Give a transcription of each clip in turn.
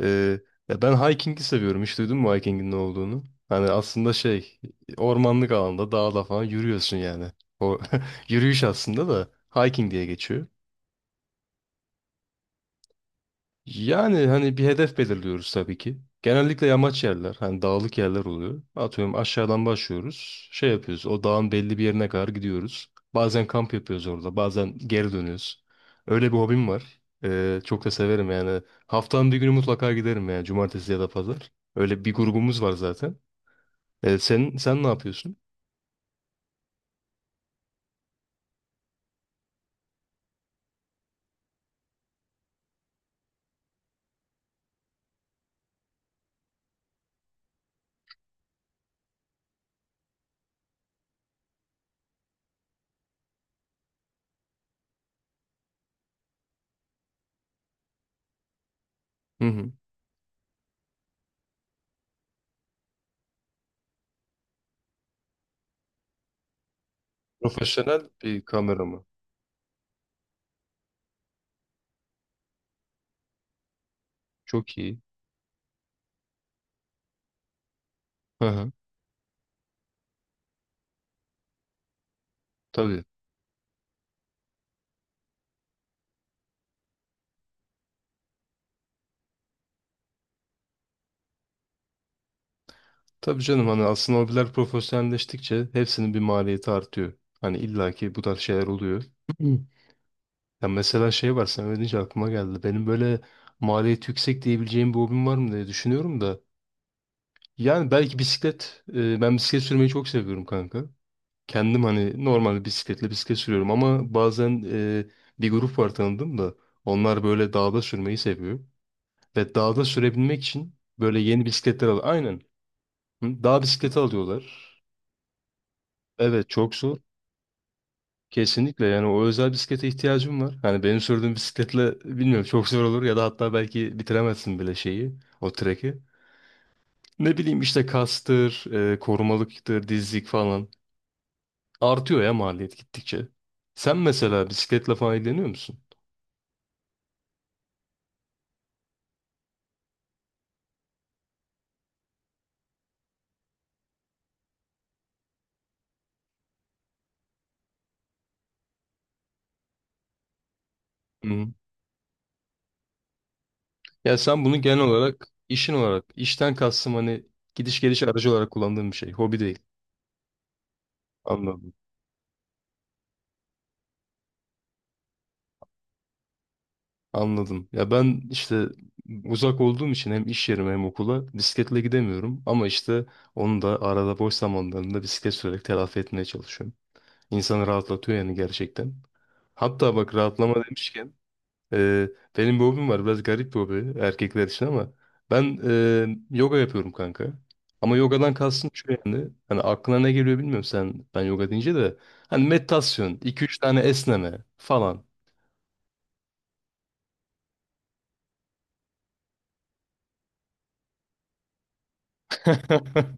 Ee, Ya ben hiking'i seviyorum. Hiç duydun mu hiking'in ne olduğunu? Hani aslında şey ormanlık alanda dağda falan yürüyorsun yani. O yürüyüş aslında da hiking diye geçiyor. Yani hani bir hedef belirliyoruz tabii ki. Genellikle yamaç yerler, hani dağlık yerler oluyor. Atıyorum aşağıdan başlıyoruz. Şey yapıyoruz, o dağın belli bir yerine kadar gidiyoruz. Bazen kamp yapıyoruz orada, bazen geri dönüyoruz. Öyle bir hobim var. Çok da severim yani. Haftanın bir günü mutlaka giderim yani, cumartesi ya da pazar. Öyle bir grubumuz var zaten. Sen ne yapıyorsun? Hı hı. Profesyonel bir kamera mı? Çok iyi. Hı hı. Tabii. Tabii canım, hani aslında hobiler profesyonelleştikçe hepsinin bir maliyeti artıyor. Hani illaki bu tarz şeyler oluyor. Hı. Ya mesela şey var, sen öyle deyince aklıma geldi. Benim böyle maliyeti yüksek diyebileceğim bir hobim var mı diye düşünüyorum da. Yani belki bisiklet. Ben bisiklet sürmeyi çok seviyorum kanka. Kendim hani normal bisikletle bisiklet sürüyorum, ama bazen bir grup var tanıdım da. Onlar böyle dağda sürmeyi seviyor. Ve dağda sürebilmek için böyle yeni bisikletler al. Aynen. Hı, dağ bisikleti alıyorlar. Evet, çok zor. Kesinlikle, yani o özel bisiklete ihtiyacım var. Hani benim sürdüğüm bisikletle bilmiyorum, çok zor olur ya da hatta belki bitiremezsin bile şeyi, o treki. Ne bileyim işte kastır, korumalıktır, dizlik falan. Artıyor ya maliyet gittikçe. Sen mesela bisikletle falan ilgileniyor musun? Hı. Ya sen bunu genel olarak işin olarak, işten kastım hani gidiş geliş aracı olarak kullandığın bir şey, hobi değil. Anladım. Anladım. Ya ben işte uzak olduğum için hem iş yerime hem okula bisikletle gidemiyorum. Ama işte onu da arada boş zamanlarında bisiklet sürerek telafi etmeye çalışıyorum. İnsanı rahatlatıyor yani, gerçekten. Hatta bak, rahatlama demişken e, benim bir hobim var. Biraz garip bir hobi erkekler için, ama ben yoga yapıyorum kanka. Ama yogadan kastım şu yani. Hani aklına ne geliyor bilmiyorum sen ben yoga deyince de. Hani meditasyon, iki üç tane esneme falan.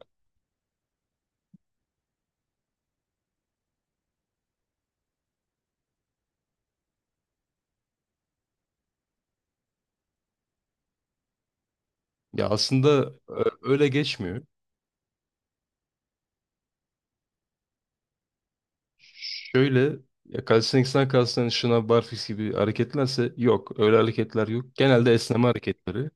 Ya aslında öyle geçmiyor. Şöyle, ya calisthenics'ten kastın şınav, barfiks gibi hareketlerse yok. Öyle hareketler yok. Genelde esneme hareketleri.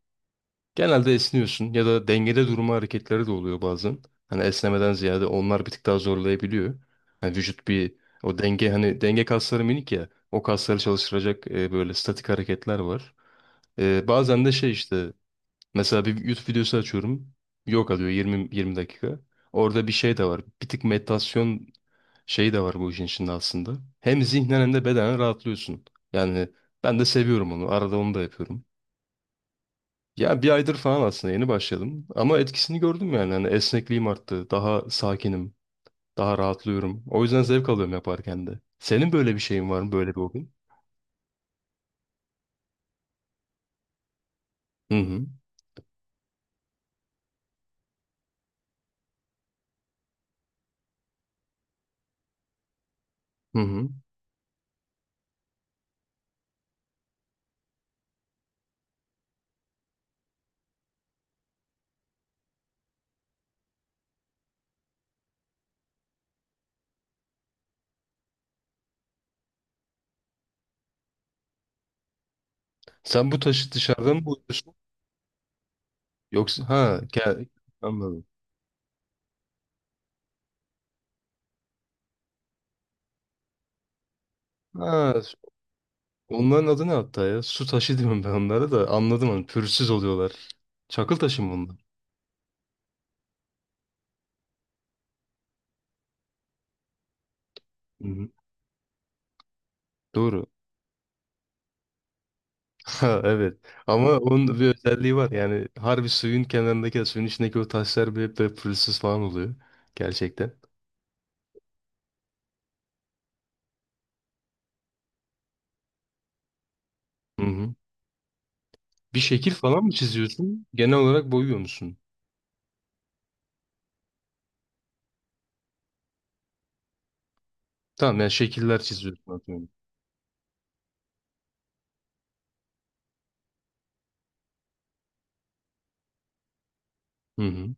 Genelde esniyorsun ya da dengede durma hareketleri de oluyor bazen. Hani esnemeden ziyade onlar bir tık daha zorlayabiliyor. Hani vücut bir o denge hani denge kasları minik ya. O kasları çalıştıracak böyle statik hareketler var. Bazen de şey işte mesela bir YouTube videosu açıyorum. Yok, alıyor yirmi dakika. Orada bir şey de var. Bir tık meditasyon şeyi de var bu işin içinde aslında. Hem zihnen hem de bedenen rahatlıyorsun. Yani ben de seviyorum onu. Arada onu da yapıyorum. Ya bir aydır falan aslında, yeni başladım. Ama etkisini gördüm yani. Hani esnekliğim arttı. Daha sakinim. Daha rahatlıyorum. O yüzden zevk alıyorum yaparken de. Senin böyle bir şeyin var mı? Böyle bir hobin? Hı hı. Hı hı. Sen bu taşı dışarıdan mı buluyorsun? Yoksa ha anladım. Ha, onların adı ne hatta ya? Su taşı diyorum ben onlara da anladım, hani pürüzsüz oluyorlar. Çakıl taşı mı bunlar? Hı-hı. Doğru. Ha, evet. Ama onun da bir özelliği var. Yani harbi, suyun kenarındaki, suyun içindeki o taşlar bile hep böyle pürüzsüz falan oluyor. Gerçekten. Hı-hı. Bir şekil falan mı çiziyorsun? Genel olarak boyuyor musun? Tamam, yani şekiller çiziyorsun atıyorum. Hı-hı.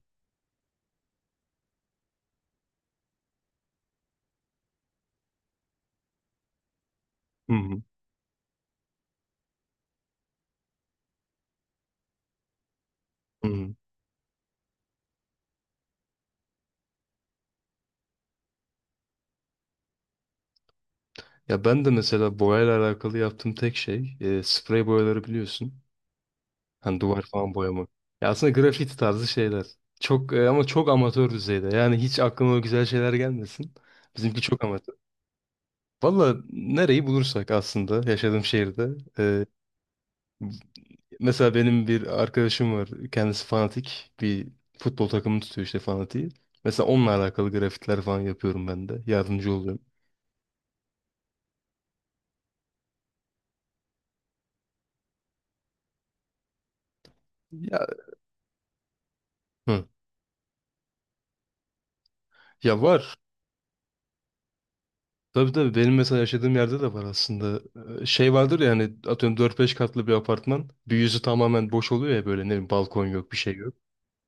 Hı-hı. Hı-hı. Ya ben de mesela boyayla alakalı yaptığım tek şey sprey boyaları, biliyorsun. Hani duvar falan boyama. Ya aslında grafiti tarzı şeyler. Çok ama çok amatör düzeyde. Yani hiç aklıma o güzel şeyler gelmesin. Bizimki çok amatör. Valla nereyi bulursak, aslında yaşadığım şehirde. e, Mesela benim bir arkadaşım var. Kendisi fanatik. Bir futbol takımı tutuyor, işte fanatiği. Mesela onunla alakalı grafitler falan yapıyorum ben de. Yardımcı oluyorum. Ya, hı. Ya var. Tabii tabii, benim mesela yaşadığım yerde de var aslında. Şey vardır ya, hani atıyorum dört beş katlı bir apartman. Bir yüzü tamamen boş oluyor ya, böyle ne bileyim balkon yok, bir şey yok.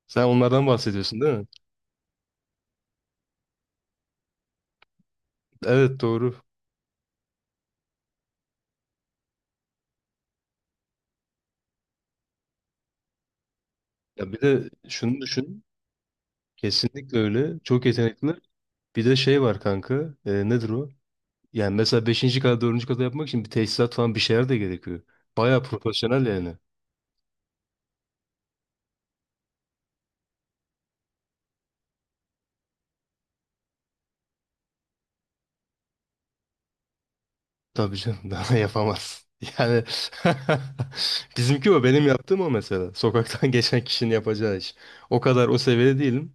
Sen onlardan bahsediyorsun değil mi? Evet, doğru. Ya bir de şunu düşün. Kesinlikle öyle. Çok yetenekli. Bir de şey var kanka. Nedir o? Yani mesela beşinci kata, dördüncü kata yapmak için bir tesisat falan, bir şeyler de gerekiyor. Baya profesyonel yani. Tabii canım, daha yapamaz. Yani bizimki o, benim yaptığım o mesela. Sokaktan geçen kişinin yapacağı iş. O kadar, o seviyede değilim.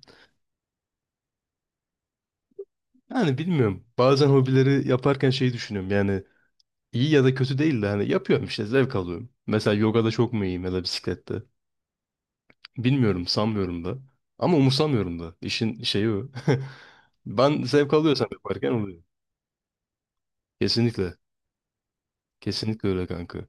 Yani bilmiyorum. Bazen hobileri yaparken şeyi düşünüyorum. Yani iyi ya da kötü değil de hani yapıyorum işte, zevk alıyorum. Mesela yogada çok mu iyiyim ya da bisiklette? Bilmiyorum, sanmıyorum da. Ama umursamıyorum da. İşin şeyi o. Ben zevk alıyorsam yaparken oluyor. Kesinlikle. Kesinlikle öyle kanka.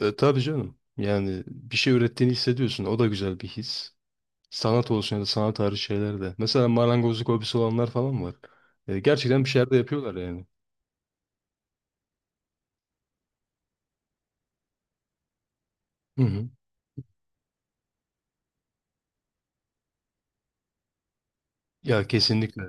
Tabii canım. Yani bir şey ürettiğini hissediyorsun. O da güzel bir his. Sanat olsun ya da sanat tarihi şeyler de. Mesela marangozluk hobisi olanlar falan var. Gerçekten bir şeyler de yapıyorlar yani. Hı hı. Ya kesinlikle.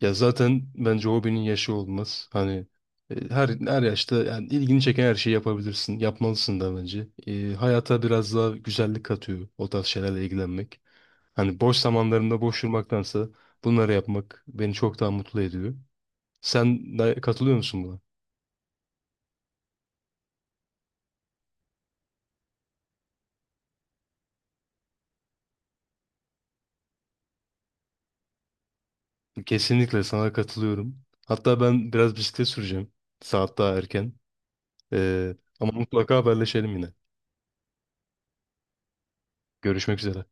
Ya zaten bence hobinin yaşı olmaz. Hani her yaşta yani, ilgini çeken her şeyi yapabilirsin. Yapmalısın da bence. Hayata biraz daha güzellik katıyor o tarz şeylerle ilgilenmek. Hani boş zamanlarında boş durmaktansa bunları yapmak beni çok daha mutlu ediyor. Sen de katılıyor musun buna? Kesinlikle sana katılıyorum. Hatta ben biraz bisiklet süreceğim. Saat daha erken. Ee, ama mutlaka haberleşelim yine. Görüşmek üzere.